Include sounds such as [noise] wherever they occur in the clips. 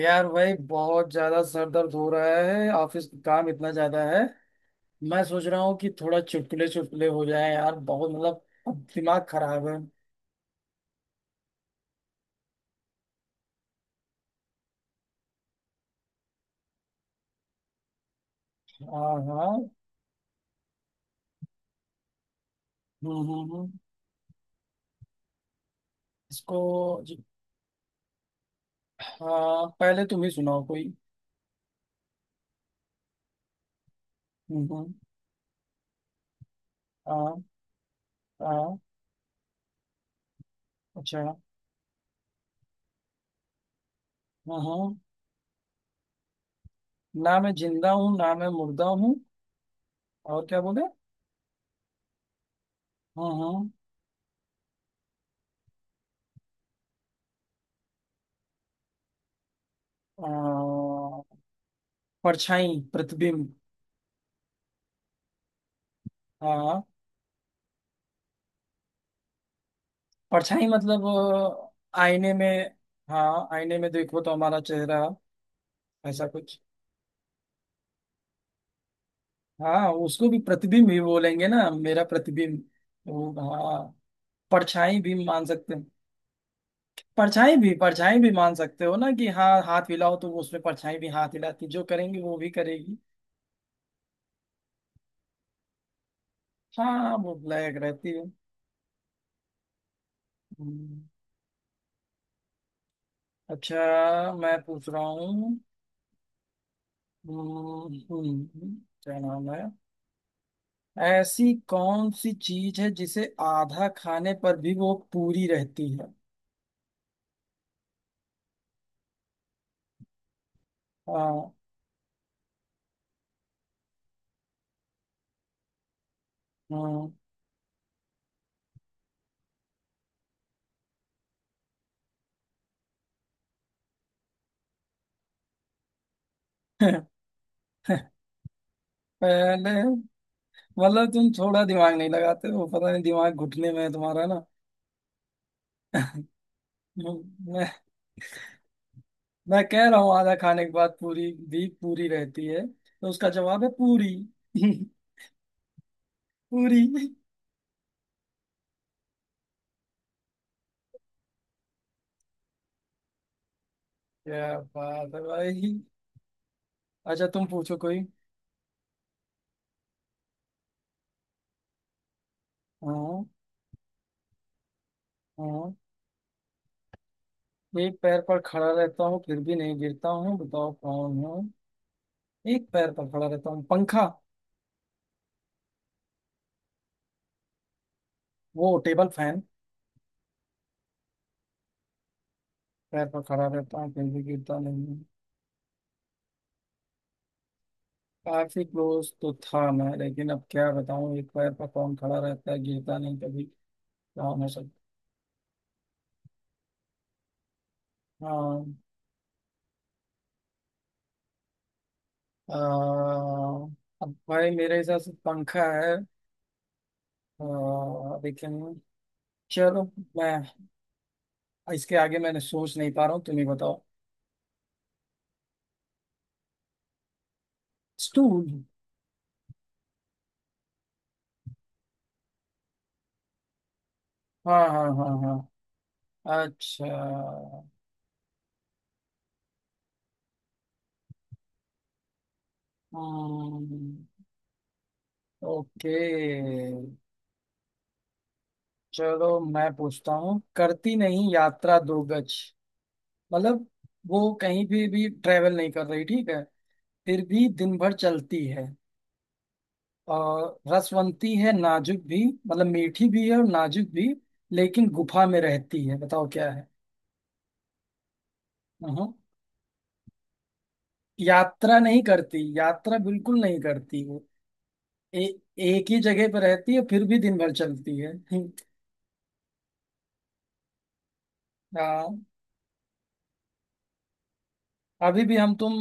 यार भाई बहुत ज्यादा सर दर्द हो रहा है। ऑफिस का काम इतना ज्यादा है। मैं सोच रहा हूँ कि थोड़ा चुटकुले चुटकुले हो जाए। यार बहुत मतलब अब दिमाग खराब है। हाँ हाँ। हम्म। इसको जी- हाँ, पहले तुम ही सुनाओ कोई। हम्म हम्म, हाँ हाँ। अच्छा। हम्म। ना मैं जिंदा हूँ, ना मैं मुर्दा हूँ। और क्या बोले? हम्म हम्म आ, परछाई, प्रतिबिंब। हाँ, परछाई मतलब आईने में। हाँ, आईने में देखो तो हमारा चेहरा, ऐसा कुछ। हाँ, उसको भी प्रतिबिंब ही बोलेंगे ना, मेरा प्रतिबिंब। वो हाँ, परछाई भी मान सकते हैं। परछाई भी, परछाई भी मान सकते हो ना कि हाँ, हाथ हिलाओ तो वो उसमें परछाई भी हाथ हिलाती, जो करेंगी वो भी करेगी। हाँ, वो ब्लैक रहती है। हम्म, अच्छा, मैं पूछ रहा हूँ। हम्म, हम्म, क्या नाम है? ऐसी कौन सी चीज है जिसे आधा खाने पर भी वो पूरी रहती है? हाँ हाँ। [laughs] पहले मतलब तुम थोड़ा दिमाग नहीं लगाते हो, पता नहीं दिमाग घुटने में है तुम्हारा ना। [laughs] मैं मैं कह रहा हूँ आधा खाने के बाद पूरी भी पूरी रहती है, तो उसका जवाब है पूरी। [laughs] पूरी। क्या बात है भाई। अच्छा, तुम पूछो कोई। हाँ हाँ, एक पैर पर खड़ा रहता हूँ फिर भी नहीं गिरता हूँ, बताओ कौन हूँ। एक पैर पर खड़ा रहता हूँ, पंखा। वो टेबल फैन। पैर पर खड़ा रहता हूँ, कहीं भी गिरता नहीं हूँ। काफी क्लोज तो था मैं, लेकिन अब क्या बताऊँ, एक पैर पर कौन खड़ा रहता है गिरता नहीं कभी। क्या हो सकता। हाँ, अ, अब भाई मेरे हिसाब से पंखा है। लेकिन चलो, मैं इसके आगे मैंने सोच नहीं पा रहा हूँ, तुम ही बताओ। स्टूल। हाँ हाँ हाँ हाँ। अच्छा। हम्म, ओके। चलो मैं पूछता हूँ, करती नहीं यात्रा दो गज, मतलब वो कहीं भी ट्रेवल नहीं कर रही, ठीक है, फिर भी दिन भर चलती है। और रसवंती है, नाजुक भी, मतलब मीठी भी है और नाजुक भी, लेकिन गुफा में रहती है। बताओ क्या है। हाँ, यात्रा नहीं करती, यात्रा बिल्कुल नहीं करती वो। ए, एक ही जगह पर रहती है फिर भी दिन भर चलती है। [laughs] हाँ, अभी भी हम तुम,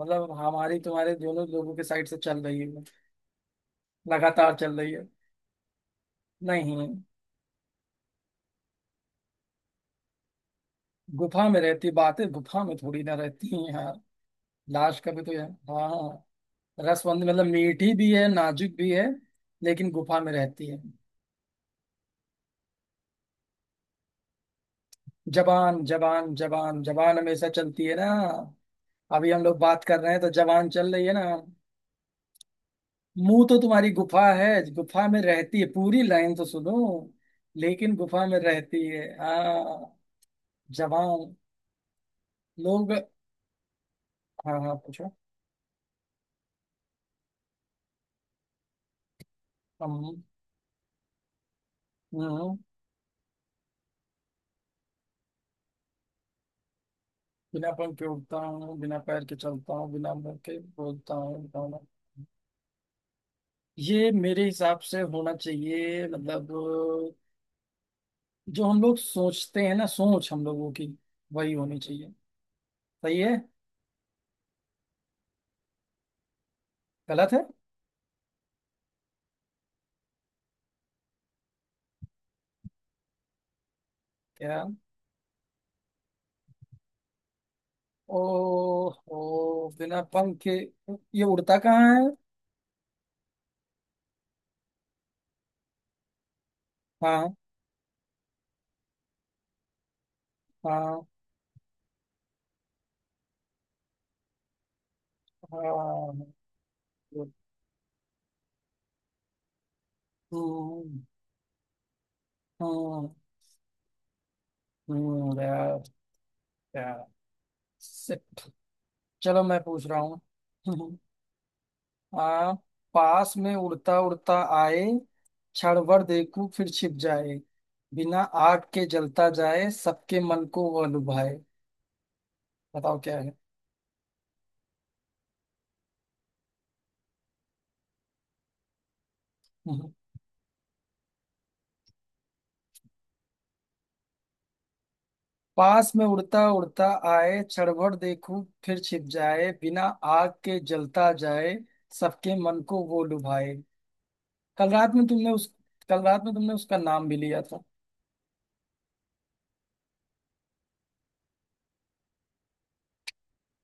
मतलब हमारी तुम्हारे दोनों लोगों के साइड से चल रही है, लगातार चल रही है। नहीं, गुफा में रहती, बातें गुफा में थोड़ी ना रहती हैं यार। लाश का भी तो यार। हाँ, रसवंद मतलब मीठी भी है, नाजुक भी है, लेकिन गुफा में रहती है। जबान, जबान जबान जबान हमेशा चलती है ना, अभी हम लोग बात कर रहे हैं तो जबान चल रही है ना। मुंह तो तुम्हारी गुफा है, गुफा में रहती है, पूरी लाइन तो सुनो, लेकिन गुफा में रहती है। हाँ, जबान लोग। हाँ हाँ, पूछो। हम। हम्म, बिना पंख के उड़ता हूँ, बिना पैर के चलता हूँ, बिना मुंह के बोलता हूँ, गाना। ये मेरे हिसाब से होना चाहिए, मतलब जो हम लोग सोचते हैं ना, सोच हम लोगों की वही होनी चाहिए। सही है। गलत है। क्या? ओ। ओ, बिना पंख के ये उड़ता कहाँ है। हाँ हाँ हाँ। हम्म हम्म यार, यार, shit। चलो मैं पूछ रहा हूँ। [laughs] आ, पास में उड़ता उड़ता आए, क्षण भर देखूं फिर छिप जाए, बिना आग के जलता जाए, सबके मन को वह लुभाए। बताओ क्या है। [laughs] पास में उड़ता उड़ता आए, क्षण भर देखूं फिर छिप जाए, बिना आग के जलता जाए, सबके मन को वो लुभाए। कल रात में तुमने उस, कल रात में तुमने उसका नाम भी लिया था। [laughs]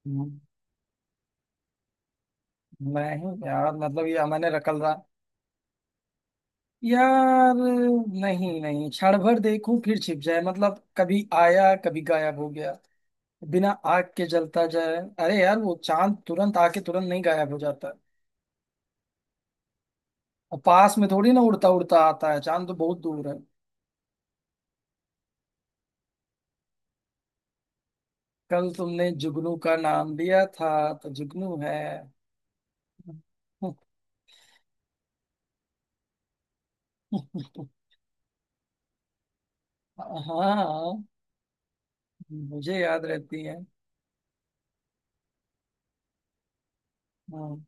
हम्म, नहीं यार, मतलब ये मैंने रखल यार। नहीं नहीं, क्षण भर देखूं फिर छिप जाए मतलब कभी आया कभी गायब हो गया, बिना आग के जलता जाए। अरे यार, वो चांद तुरंत आके तुरंत नहीं गायब हो जाता, और पास में थोड़ी ना उड़ता उड़ता आता है, चांद तो बहुत दूर है। कल तुमने जुगनू का नाम लिया था, तो जुगनू है। [laughs] हाँ, मुझे याद रहती है। हाँ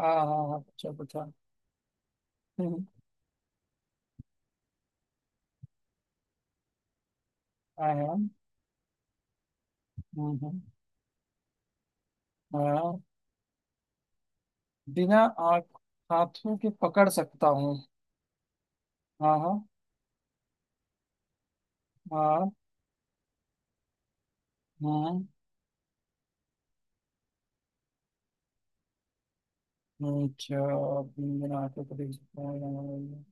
हाँ हाँ, हाँ, पूछो पूछो। [laughs] हाँ हाँ हाँ। हम्म, हाँ, बिना आँख, हाथों के पकड़ सकता हूँ। हाँ हाँ। हाँ हाँ हाँ, अच्छा, बिना आँखों के देख सकता हूँ।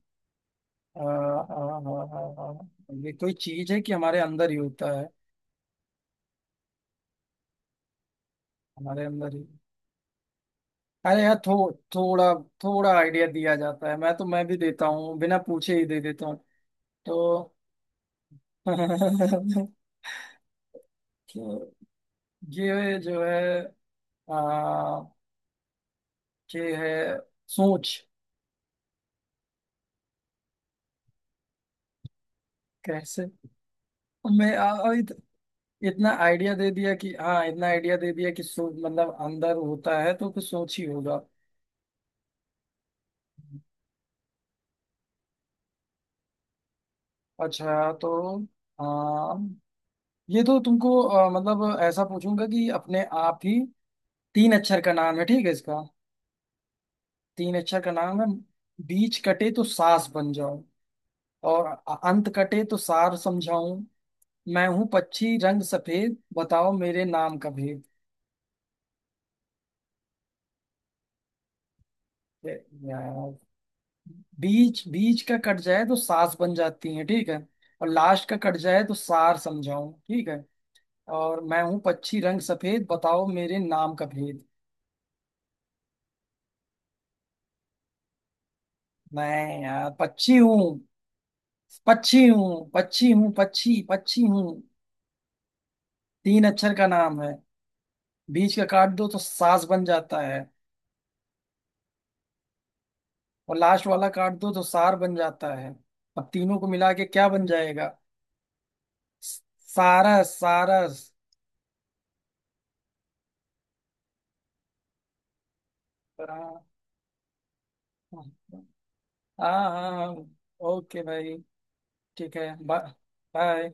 आ, आ, आ, आ, आ, ये कोई चीज है कि हमारे अंदर ही होता है, हमारे अंदर ही। अरे यार, थोड़ा थोड़ा आइडिया दिया जाता है, मैं भी देता हूँ, बिना पूछे ही दे देता हूँ तो। [laughs] तो ये जो है, आ, ये है सोच। कैसे? मैं अभी इतना आइडिया दे दिया कि हाँ, इतना आइडिया दे दिया कि सो मतलब अंदर होता है तो कुछ सोच ही होगा। अच्छा तो हाँ, ये तो तुमको मतलब ऐसा पूछूंगा कि अपने आप ही, तीन अक्षर का नाम है, ठीक है इसका। तीन अक्षर का नाम है, बीच कटे तो सास बन जाऊं, और अंत कटे तो सार समझाऊं, मैं हूँ पक्षी रंग सफेद, बताओ मेरे नाम का भेद। यार बीच, बीच का कट जाए तो सास बन जाती है, ठीक है, और लास्ट का कट जाए तो सार समझाऊं, ठीक है, और मैं हूँ पक्षी रंग सफेद, बताओ मेरे नाम का भेद। मैं यार पक्षी हूँ, पक्षी हूँ, पक्षी हूँ, पक्षी पक्षी हूँ। तीन अक्षर का नाम है, बीच का काट दो तो सास बन जाता है, और लास्ट वाला काट दो तो सार बन जाता है, अब तीनों को मिला के क्या बन जाएगा। स- सारस, सारस। हाँ हाँ हाँ। ओके भाई, ठीक है, बाय।